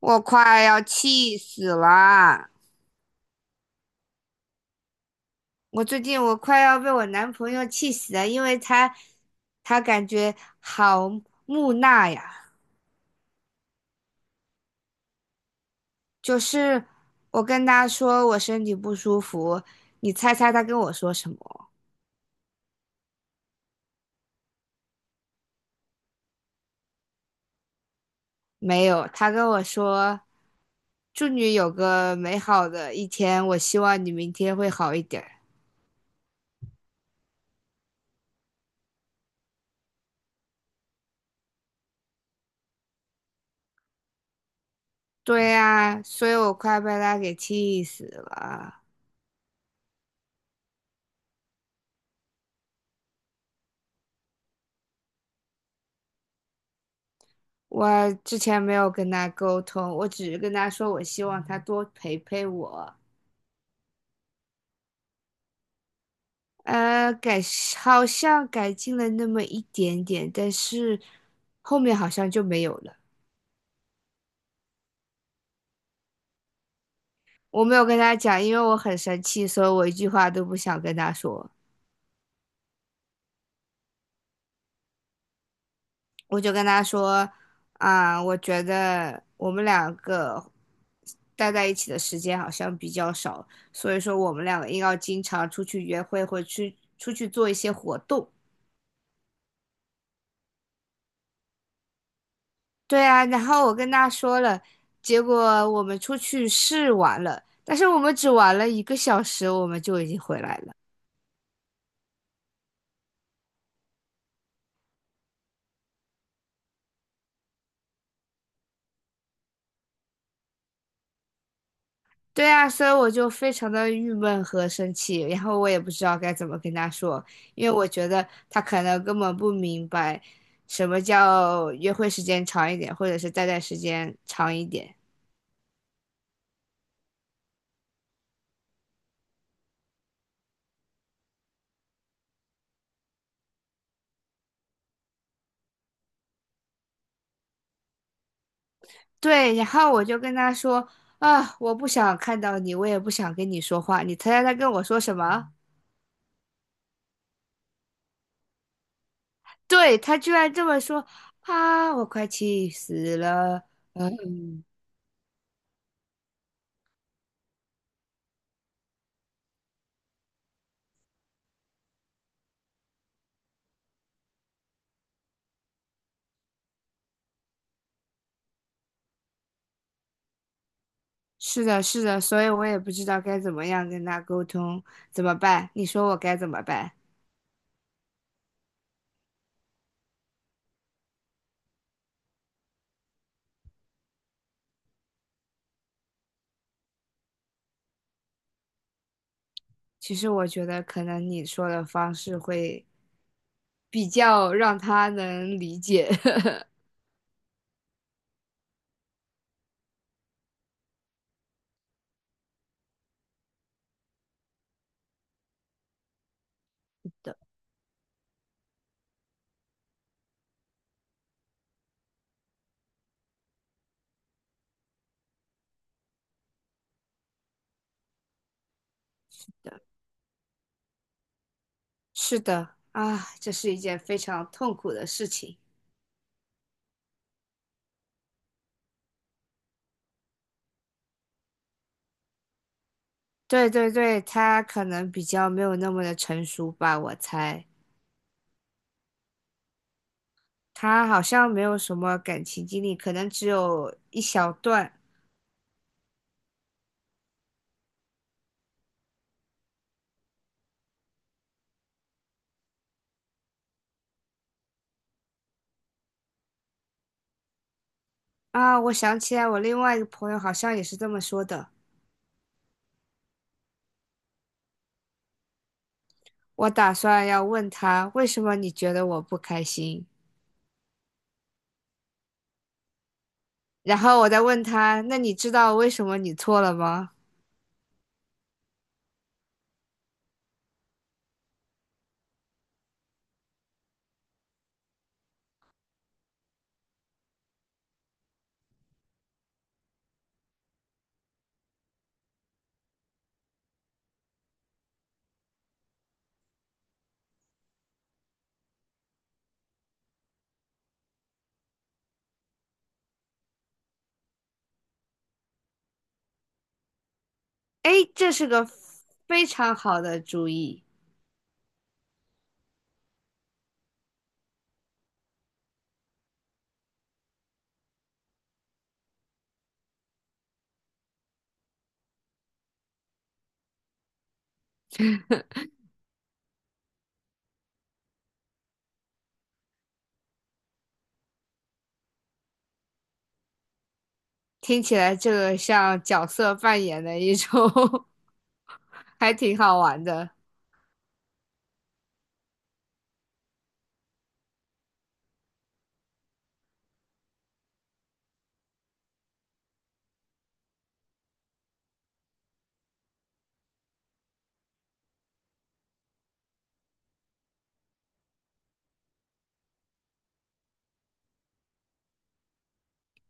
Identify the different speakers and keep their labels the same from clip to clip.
Speaker 1: 我快要气死了！我最近我快要被我男朋友气死了，因为他感觉好木讷呀。就是我跟他说我身体不舒服，你猜猜他跟我说什么？没有，他跟我说祝你有个美好的一天，我希望你明天会好一点儿对呀，所以我快被他给气死了。我之前没有跟他沟通，我只是跟他说我希望他多陪陪我。呃，改好像改进了那么一点点，但是后面好像就没有了。我没有跟他讲，因为我很生气，所以我一句话都不想跟他说。我就跟他说，啊、我觉得我们两个待在一起的时间好像比较少，所以说我们两个应该经常出去约会，或去出去做一些活动。对啊，然后我跟他说了，结果我们出去试玩了，但是我们只玩了一个小时，我们就已经回来了。对啊，所以我就非常的郁闷和生气，然后我也不知道该怎么跟他说，因为我觉得他可能根本不明白什么叫约会时间长一点，或者是待在时间长一点。对，然后我就跟他说啊，我不想看到你，我也不想跟你说话，你猜猜他跟我说什么？对，他居然这么说啊！我快气死了。嗯，是的，是的，所以我也不知道该怎么样跟他沟通，怎么办？你说我该怎么办？其实我觉得可能你说的方式会比较让他能理解。的。是的，啊，这是一件非常痛苦的事情。对对对，他可能比较没有那么的成熟吧，我猜。他好像没有什么感情经历，可能只有一小段啊。我想起来，我另外一个朋友好像也是这么说的。我打算要问他为什么你觉得我不开心，然后我再问他，那你知道为什么你错了吗？哎，这是个非常好的主意，听起来这个像角色扮演的一种 还挺好玩的。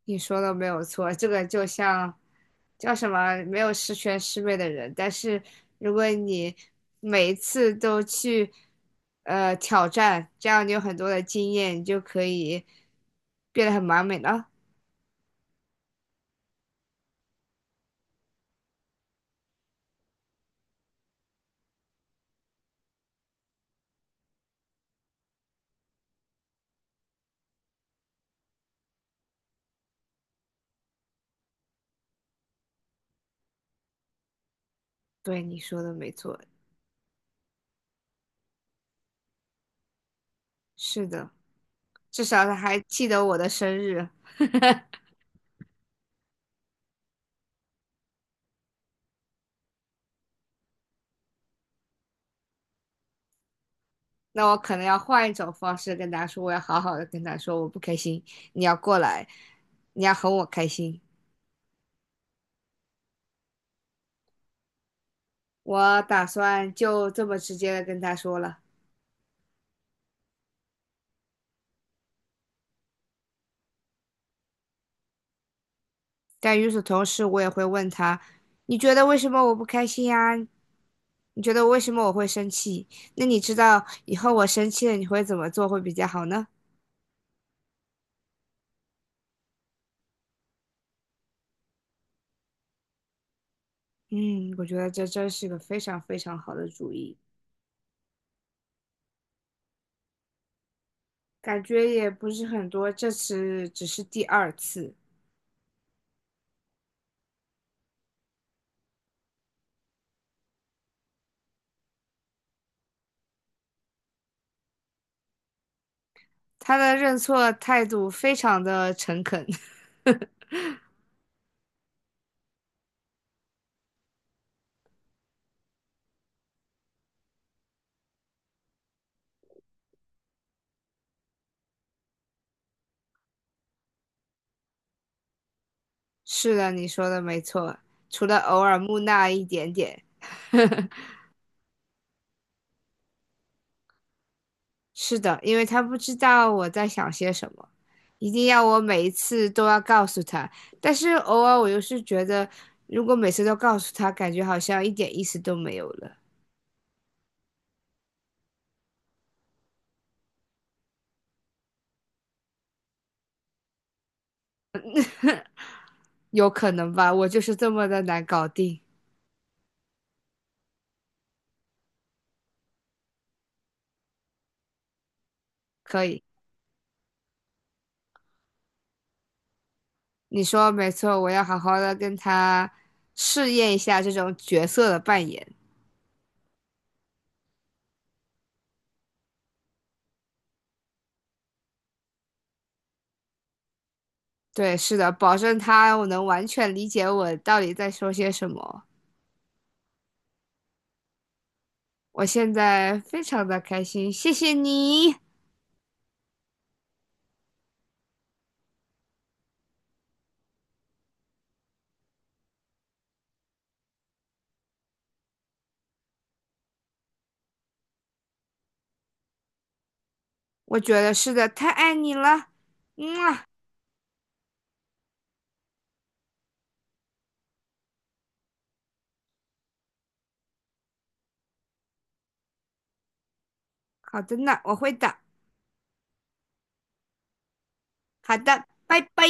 Speaker 1: 你说的没有错，这个就像叫什么没有十全十美的人，但是如果你每一次都去挑战，这样你有很多的经验，你就可以变得很完美了。对，你说的没错，是的，至少他还记得我的生日。那我可能要换一种方式跟他说，我要好好的跟他说，我不开心，你要过来，你要哄我开心。我打算就这么直接的跟他说了。但与此同时，我也会问他：你觉得为什么我不开心呀？你觉得为什么我会生气？那你知道以后我生气了你会怎么做会比较好呢？嗯，我觉得这真是个非常非常好的主意，感觉也不是很多，这次只是第二次。他的认错态度非常的诚恳。是的，你说的没错，除了偶尔木讷一点点。是的，因为他不知道我在想些什么，一定要我每一次都要告诉他。但是偶尔我又是觉得，如果每次都告诉他，感觉好像一点意思都没有了。有可能吧，我就是这么的难搞定。可以，你说没错，我要好好的跟他试验一下这种角色的扮演。对，是的，保证他我能完全理解我到底在说些什么。我现在非常的开心，谢谢你。我觉得是的，太爱你了，嗯啊，好的呢，我会的，好的，拜拜。